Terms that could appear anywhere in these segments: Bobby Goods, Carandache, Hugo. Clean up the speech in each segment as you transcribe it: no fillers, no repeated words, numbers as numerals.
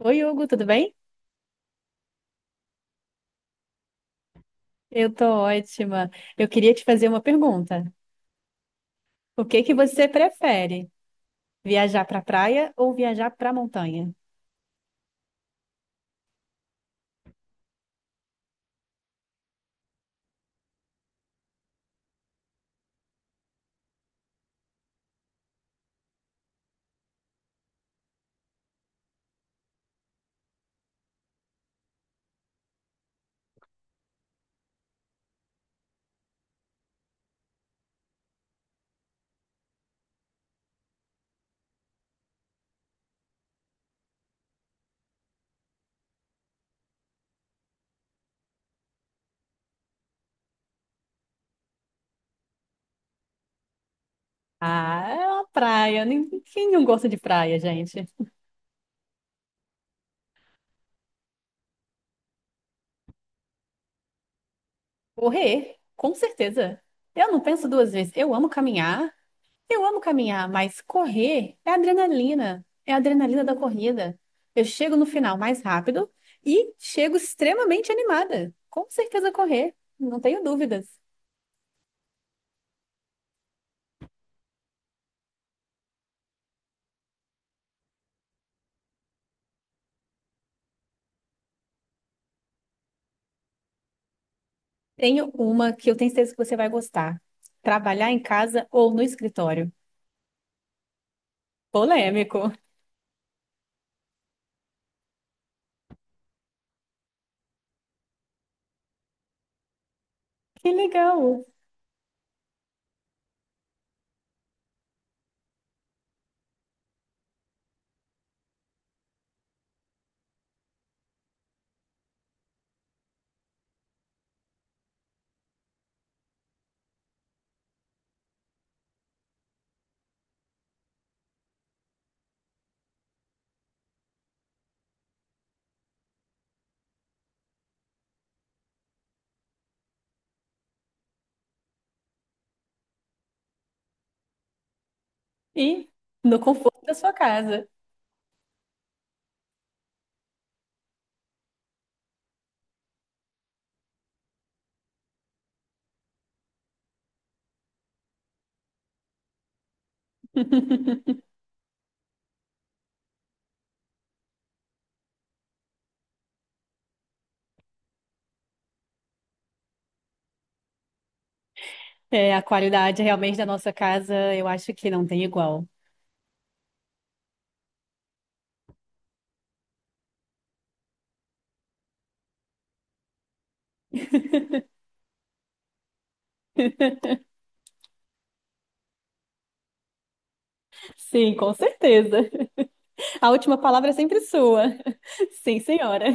Oi, Hugo, tudo bem? Eu tô ótima. Eu queria te fazer uma pergunta. O que que você prefere? Viajar para praia ou viajar para montanha? Ah, é uma praia. Quem não gosta de praia, gente? Correr, com certeza. Eu não penso duas vezes. Eu amo caminhar. Eu amo caminhar, mas correr é adrenalina. É a adrenalina da corrida. Eu chego no final mais rápido e chego extremamente animada. Com certeza correr, não tenho dúvidas. Tenho uma que eu tenho certeza que você vai gostar. Trabalhar em casa ou no escritório? Polêmico. Que legal. E no conforto da sua casa. É, a qualidade realmente da nossa casa, eu acho que não tem igual. Sim, com certeza. A última palavra é sempre sua. Sim, senhora.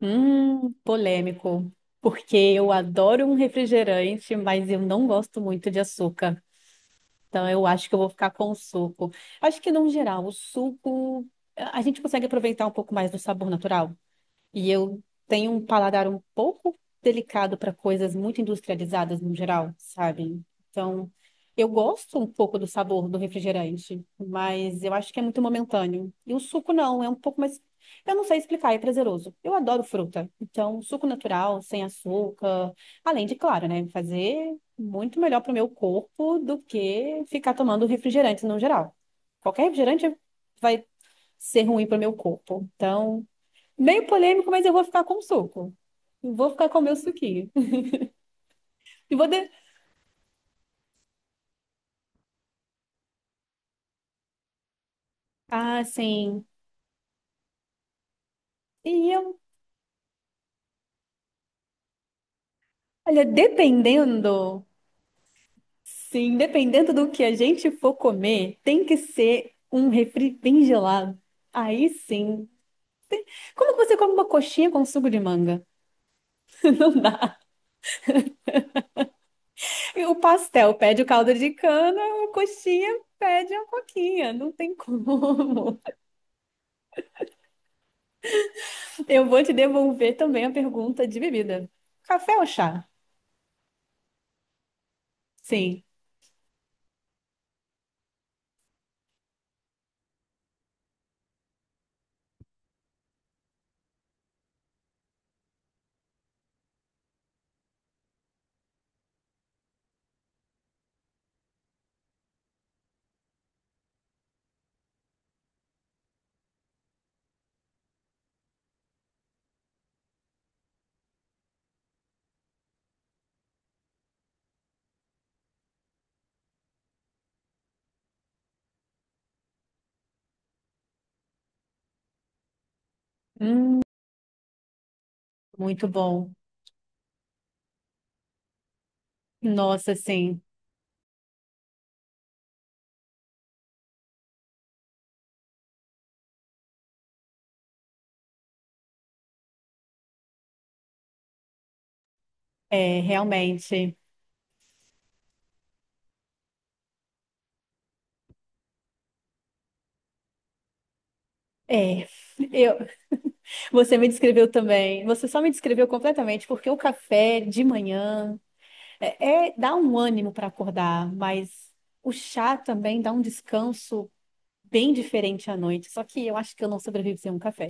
Polêmico. Porque eu adoro um refrigerante, mas eu não gosto muito de açúcar. Então, eu acho que eu vou ficar com o suco. Acho que, no geral, o suco, a gente consegue aproveitar um pouco mais do sabor natural. E eu tenho um paladar um pouco delicado para coisas muito industrializadas no geral, sabe? Então, eu gosto um pouco do sabor do refrigerante, mas eu acho que é muito momentâneo. E o suco não, é um pouco mais. Eu não sei explicar, é prazeroso. Eu adoro fruta. Então, suco natural, sem açúcar. Além de, claro, né, fazer muito melhor para o meu corpo do que ficar tomando refrigerante no geral. Qualquer refrigerante vai ser ruim para o meu corpo. Então. Meio polêmico, mas eu vou ficar com o suco. Eu vou ficar com o meu suquinho. E vou de... Ah, sim. E eu, olha, dependendo, sim, dependendo do que a gente for comer, tem que ser um refri bem gelado. Aí sim. Como que você come uma coxinha com suco de manga? Não dá. E o pastel pede o caldo de cana, a coxinha pede a coquinha. Não tem como. Eu vou te devolver também a pergunta de bebida. Café ou chá? Sim. Hum, muito bom. Nossa, sim, é, realmente. É, eu, você me descreveu também. Você só me descreveu completamente, porque o café de manhã dá um ânimo para acordar, mas o chá também dá um descanso bem diferente à noite. Só que eu acho que eu não sobrevivo sem um café.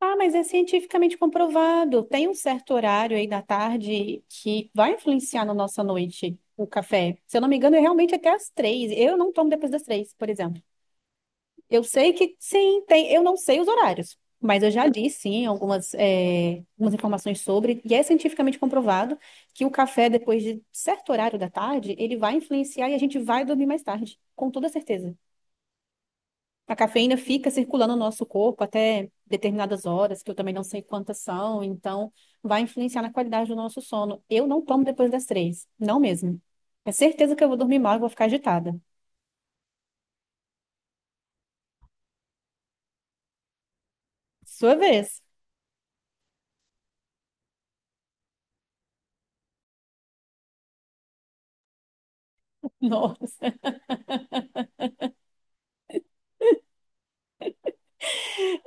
Ah, mas é cientificamente comprovado. Tem um certo horário aí da tarde que vai influenciar na nossa noite o café. Se eu não me engano, é realmente até às três. Eu não tomo depois das três, por exemplo. Eu sei que sim, tem. Eu não sei os horários, mas eu já li sim algumas, algumas informações sobre, e é cientificamente comprovado que o café, depois de certo horário da tarde, ele vai influenciar e a gente vai dormir mais tarde, com toda certeza. A cafeína fica circulando no nosso corpo até determinadas horas, que eu também não sei quantas são, então vai influenciar na qualidade do nosso sono. Eu não tomo depois das três, não mesmo. É certeza que eu vou dormir mal e vou ficar agitada. Sua vez. Nossa.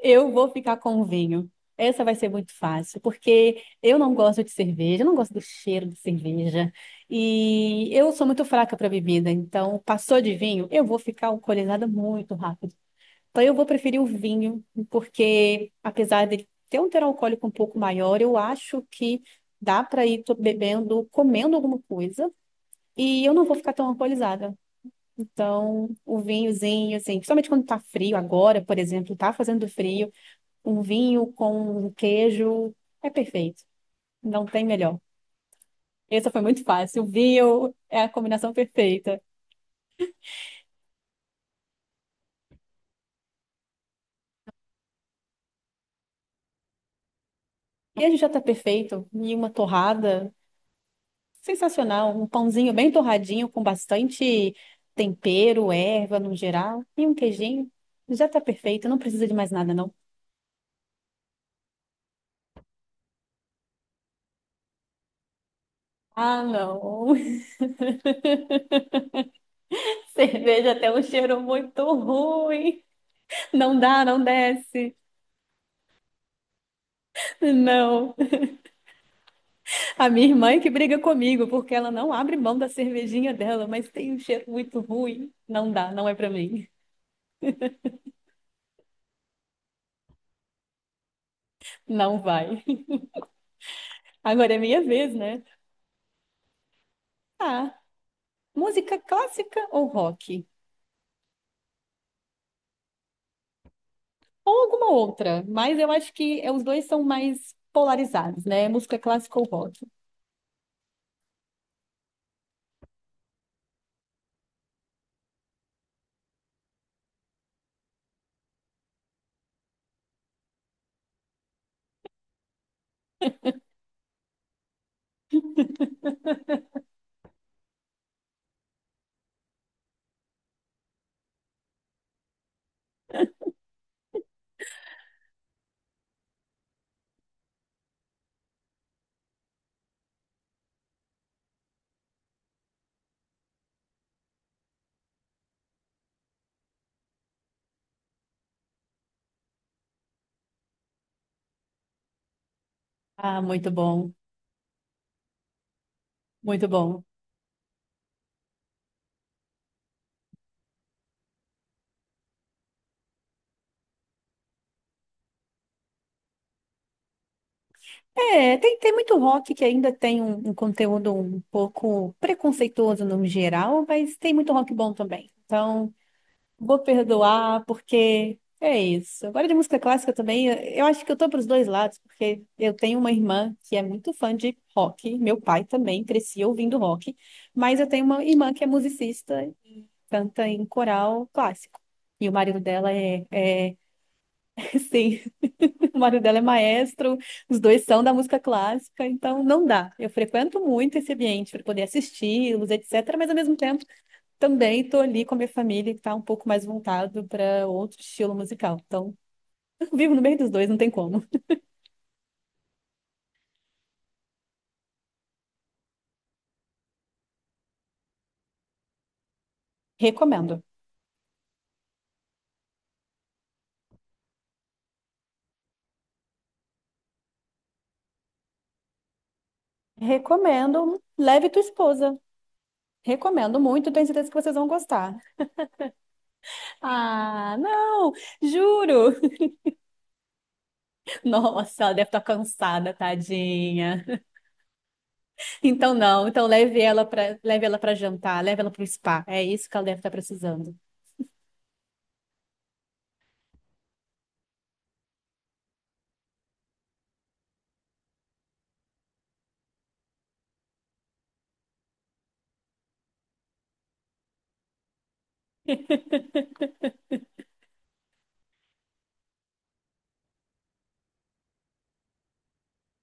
Eu vou ficar com o vinho. Essa vai ser muito fácil, porque eu não gosto de cerveja, eu não gosto do cheiro de cerveja. E eu sou muito fraca para bebida, então passou de vinho, eu vou ficar alcoolizada muito rápido. Então eu vou preferir o vinho, porque apesar dele ter um teor alcoólico um pouco maior, eu acho que dá para ir bebendo, comendo alguma coisa, e eu não vou ficar tão alcoolizada. Então, o vinhozinho, assim, principalmente quando tá frio agora, por exemplo, tá fazendo frio um vinho com um queijo. É perfeito. Não tem melhor. Essa foi muito fácil. O vinho é a combinação perfeita. E a gente já tá perfeito. E uma torrada sensacional. Um pãozinho bem torradinho com bastante tempero, erva no geral. E um queijinho. Já tá perfeito. Não precisa de mais nada, não. Ah, não. Cerveja tem um cheiro muito ruim. Não dá, não desce. Não. A minha irmã é que briga comigo, porque ela não abre mão da cervejinha dela, mas tem um cheiro muito ruim. Não dá, não é pra mim. Não vai. Agora é minha vez, né? Ah, música clássica ou rock? Ou alguma outra, mas eu acho que é- os dois são mais polarizados, né? Música clássica ou rock? Ah, muito bom, muito bom. É, tem, tem muito rock que ainda tem um conteúdo um pouco preconceituoso no geral, mas tem muito rock bom também. Então. Vou perdoar, porque é isso. Agora de música clássica também, eu acho que eu tô pros dois lados, porque eu tenho uma irmã que é muito fã de rock, meu pai também crescia ouvindo rock, mas eu tenho uma irmã que é musicista, canta em coral clássico. E o marido dela é, é sim, o marido dela é maestro, os dois são da música clássica, então não dá. Eu frequento muito esse ambiente para poder assisti-los, etc., mas ao mesmo tempo também estou ali com a minha família, que está um pouco mais voltado para outro estilo musical. Então, eu vivo no meio dos dois, não tem como. Recomendo. Recomendo. Leve tua esposa. Recomendo muito, tenho certeza que vocês vão gostar. Ah, não, juro. Nossa, ela deve estar cansada, tadinha. Então não, então leve ela para jantar, leve ela para o spa. É isso que ela deve estar precisando.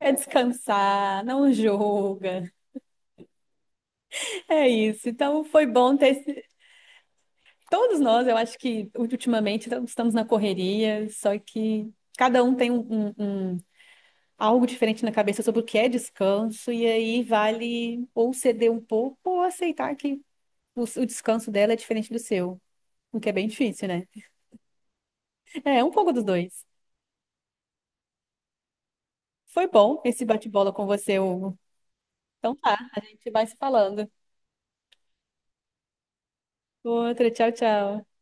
É descansar, não julga. É isso. Então foi bom ter Todos nós, eu acho que ultimamente estamos na correria, só que cada um tem algo diferente na cabeça sobre o que é descanso, e aí vale ou ceder um pouco ou aceitar que o descanso dela é diferente do seu, o que é bem difícil, né? É um pouco dos dois. Foi bom esse bate-bola com você, Hugo. Então tá, a gente vai se falando. Outra, tchau, tchau.